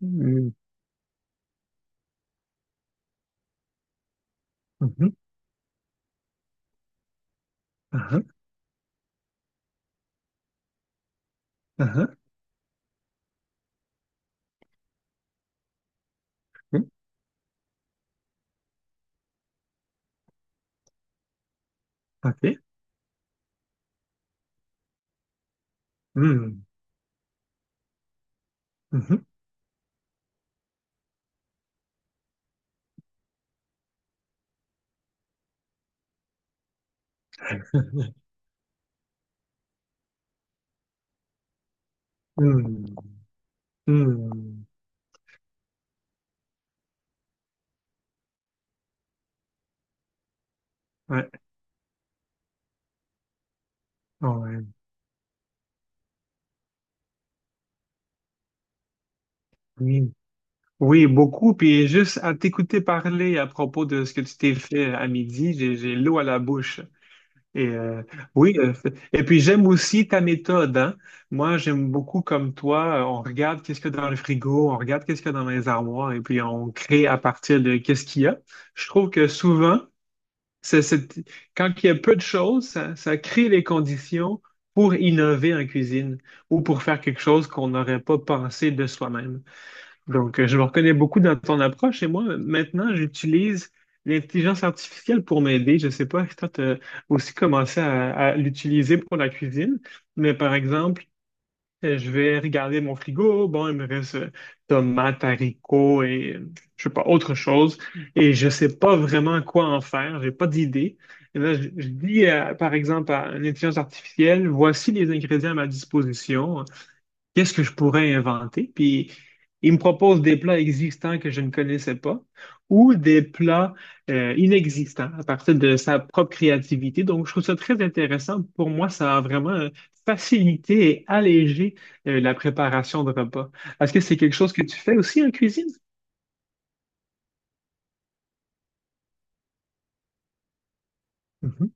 Mhm, mhm, aha, aha, mhm, ok. Mhm, mhm. Mhm, hmm. Ouais, ouais, oui. Oui, beaucoup. Puis juste à t'écouter parler à propos de ce que tu t'es fait à midi, j'ai l'eau à la bouche. Et euh, oui, et puis j'aime aussi ta méthode, hein. Moi, j'aime beaucoup comme toi, on regarde qu'est-ce qu'il y a dans le frigo, on regarde qu'est-ce qu'il y a dans les armoires, et puis on crée à partir de qu'est-ce qu'il y a. Je trouve que souvent, C'est, c'est- quand il y a peu de choses, ça crée les conditions pour innover en cuisine ou pour faire quelque chose qu'on n'aurait pas pensé de soi-même. Donc, je me reconnais beaucoup dans ton approche et moi, maintenant, j'utilise l'intelligence artificielle pour m'aider. Je ne sais pas si toi, tu as aussi commencé à l'utiliser pour la cuisine, mais par exemple, je vais regarder mon frigo. Bon, il me reste tomates, haricots et je sais pas, autre chose. Et je sais pas vraiment quoi en faire. J'ai pas d'idée. Et là, je dis, par exemple, à une intelligence artificielle, voici les ingrédients à ma disposition, qu'est-ce que je pourrais inventer? Puis il me propose des plats existants que je ne connaissais pas ou des plats inexistants à partir de sa propre créativité. Donc, je trouve ça très intéressant. Pour moi, ça a vraiment facilité et allégé la préparation de repas. Est-ce que c'est quelque chose que tu fais aussi en cuisine? Mhm.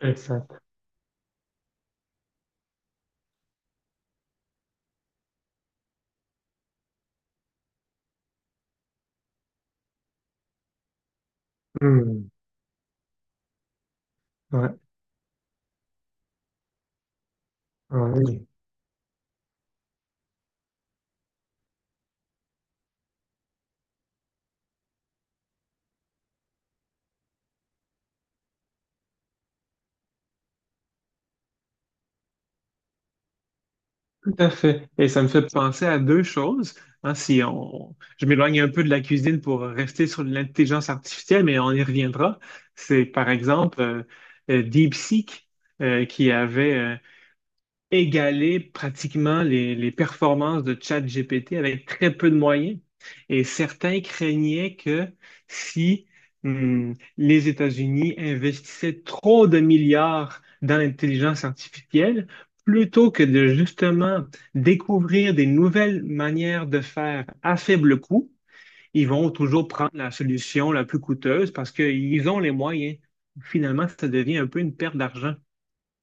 Exact. Hmm. Ouais. Ouais. Tout à fait. Et ça me fait penser à deux choses. Hein, si on, je m'éloigne un peu de la cuisine pour rester sur l'intelligence artificielle, mais on y reviendra. C'est par exemple DeepSeek qui avait égaler pratiquement les performances de ChatGPT avec très peu de moyens. Et certains craignaient que si les États-Unis investissaient trop de milliards dans l'intelligence artificielle, plutôt que de justement découvrir des nouvelles manières de faire à faible coût, ils vont toujours prendre la solution la plus coûteuse parce qu'ils ont les moyens. Finalement, ça devient un peu une perte d'argent.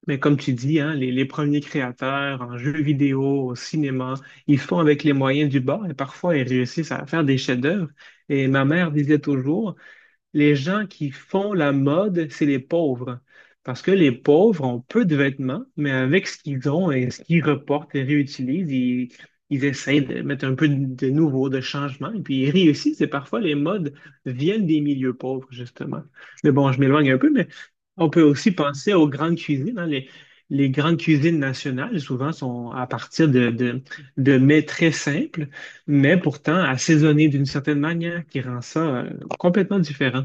Mais comme tu dis, hein, les premiers créateurs en jeux vidéo, au cinéma, ils font avec les moyens du bord et parfois ils réussissent à faire des chefs-d'œuvre. Et ma mère disait toujours, les gens qui font la mode, c'est les pauvres. Parce que les pauvres ont peu de vêtements, mais avec ce qu'ils ont et ce qu'ils reportent et réutilisent, ils essaient de mettre un peu de nouveau, de changement, et puis ils réussissent. Et parfois, les modes viennent des milieux pauvres, justement. Mais bon, je m'éloigne un peu, mais on peut aussi penser aux grandes cuisines. Hein. Les grandes cuisines nationales, souvent, sont à partir de mets très simples, mais pourtant assaisonnés d'une certaine manière qui rend ça euh, complètement différent.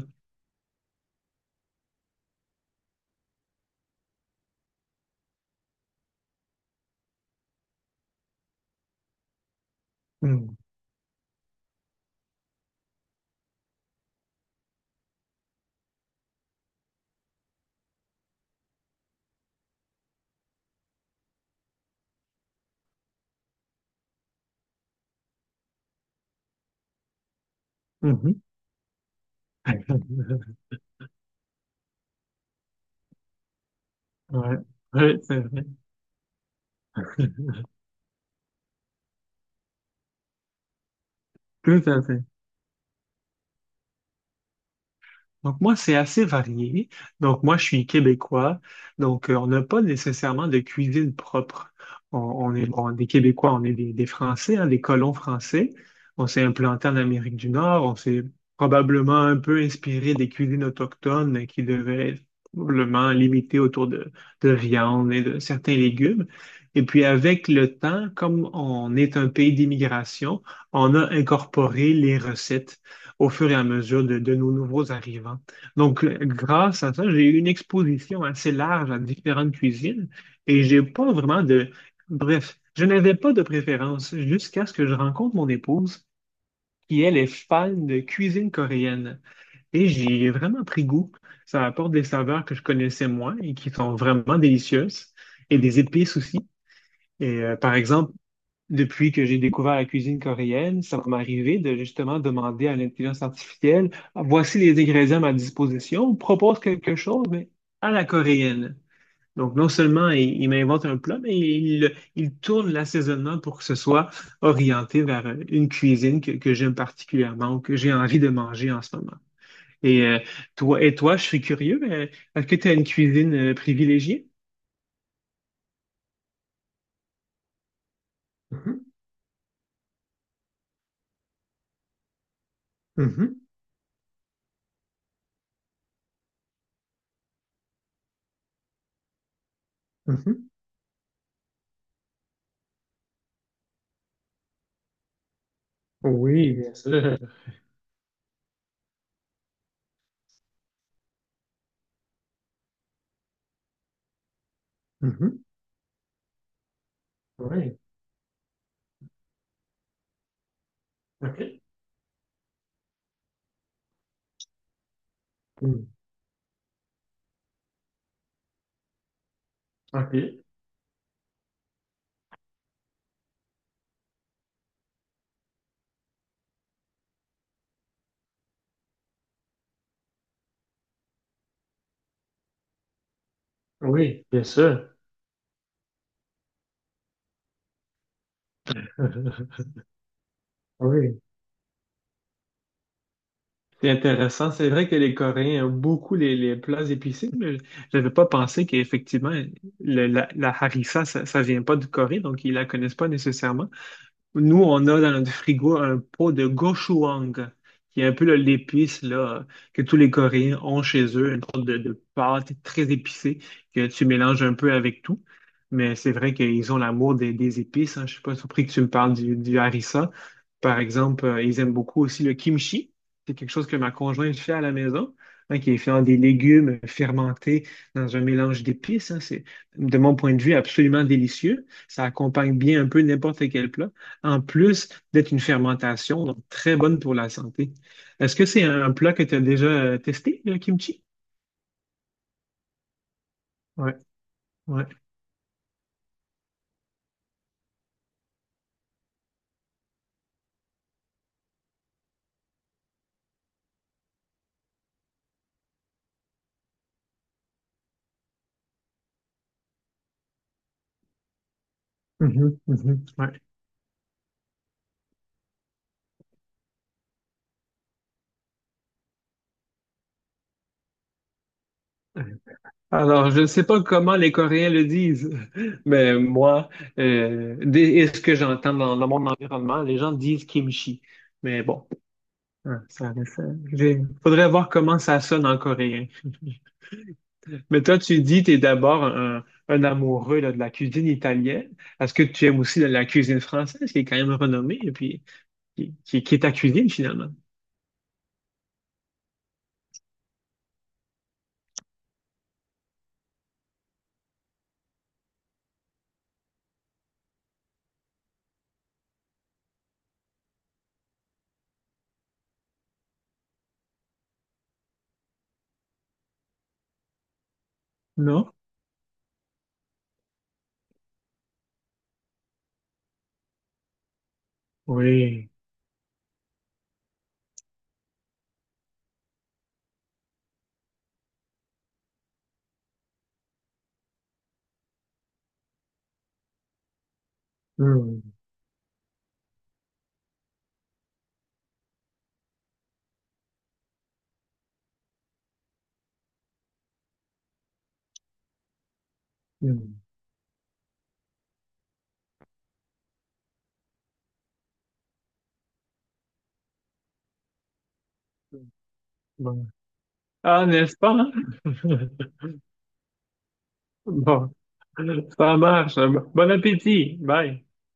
Mmh. Mmh mh. Ouais. Ouais, c'est vrai. Tout à fait. Donc moi, c'est assez varié. Donc moi, je suis québécois. Donc on n'a pas nécessairement de cuisine propre. On est bon, des Québécois, on est des Français, hein, des colons français. On s'est implanté en Amérique du Nord. On s'est probablement un peu inspiré des cuisines autochtones qui devaient être probablement limitées autour de viande et de certains légumes. Et puis avec le temps, comme on est un pays d'immigration, on a incorporé les recettes au fur et à mesure de nos nouveaux arrivants. Donc, grâce à ça, j'ai eu une exposition assez large à différentes cuisines et j'ai pas vraiment de… Bref, je n'avais pas de préférence jusqu'à ce que je rencontre mon épouse qui, elle, est fan de cuisine coréenne. Et j'y ai vraiment pris goût. Ça apporte des saveurs que je connaissais moins et qui sont vraiment délicieuses et des épices aussi. Par exemple, depuis que j'ai découvert la cuisine coréenne, ça va m'arriver de justement demander à l'intelligence artificielle, voici les ingrédients à ma disposition, propose quelque chose, mais à la coréenne. Donc, non seulement il m'invente un plat, mais il tourne l'assaisonnement pour que ce soit orienté vers une cuisine que j'aime particulièrement ou que j'ai envie de manger en ce moment. Et euh, Toi, et toi, je suis curieux, est-ce que tu as une cuisine privilégiée? Mhm, mhm, mhm. Oui, bien sûr. Mhm, oui. OK. Mm. OK. Oui, bien sûr. Oui. C'est intéressant. C'est vrai que les Coréens ont beaucoup les plats épicés, mais je n'avais pas pensé qu'effectivement, la, la harissa, ça vient pas du Corée, donc ils la connaissent pas nécessairement. Nous, on a dans notre frigo un pot de gochujang, qui est un peu l'épice là, que tous les Coréens ont chez eux, une sorte de pâte très épicée que tu mélanges un peu avec tout. Mais c'est vrai qu'ils ont l'amour des épices. Hein. Je suis pas surpris que tu me parles du harissa. Par exemple, ils aiment beaucoup aussi le kimchi. C'est quelque chose que ma conjointe fait à la maison, hein, qui est fait en des légumes fermentés dans un mélange d'épices. Hein. C'est, de mon point de vue, absolument délicieux. Ça accompagne bien un peu n'importe quel plat en plus d'être une fermentation, donc très bonne pour la santé. Est-ce que c'est un plat que tu as déjà testé, le kimchi? Ouais, ouais. Mhm, mhm, ouais. Alors, je ne sais pas comment les Coréens le disent, mais moi, et ce que j'entends dans, dans mon environnement, les gens disent kimchi. Mais bon, hein, faudrait voir comment ça sonne en coréen. Mais toi, tu dis, tu es d'abord un amoureux là, de la cuisine italienne. Est-ce que tu aimes aussi la cuisine française, qui est quand même renommée, et puis qui est ta cuisine finalement? Non? Oui. Hum, hum, bon. Ah, n'est-ce pas? Hein? Bon, ça marche. Bon appétit. Bye.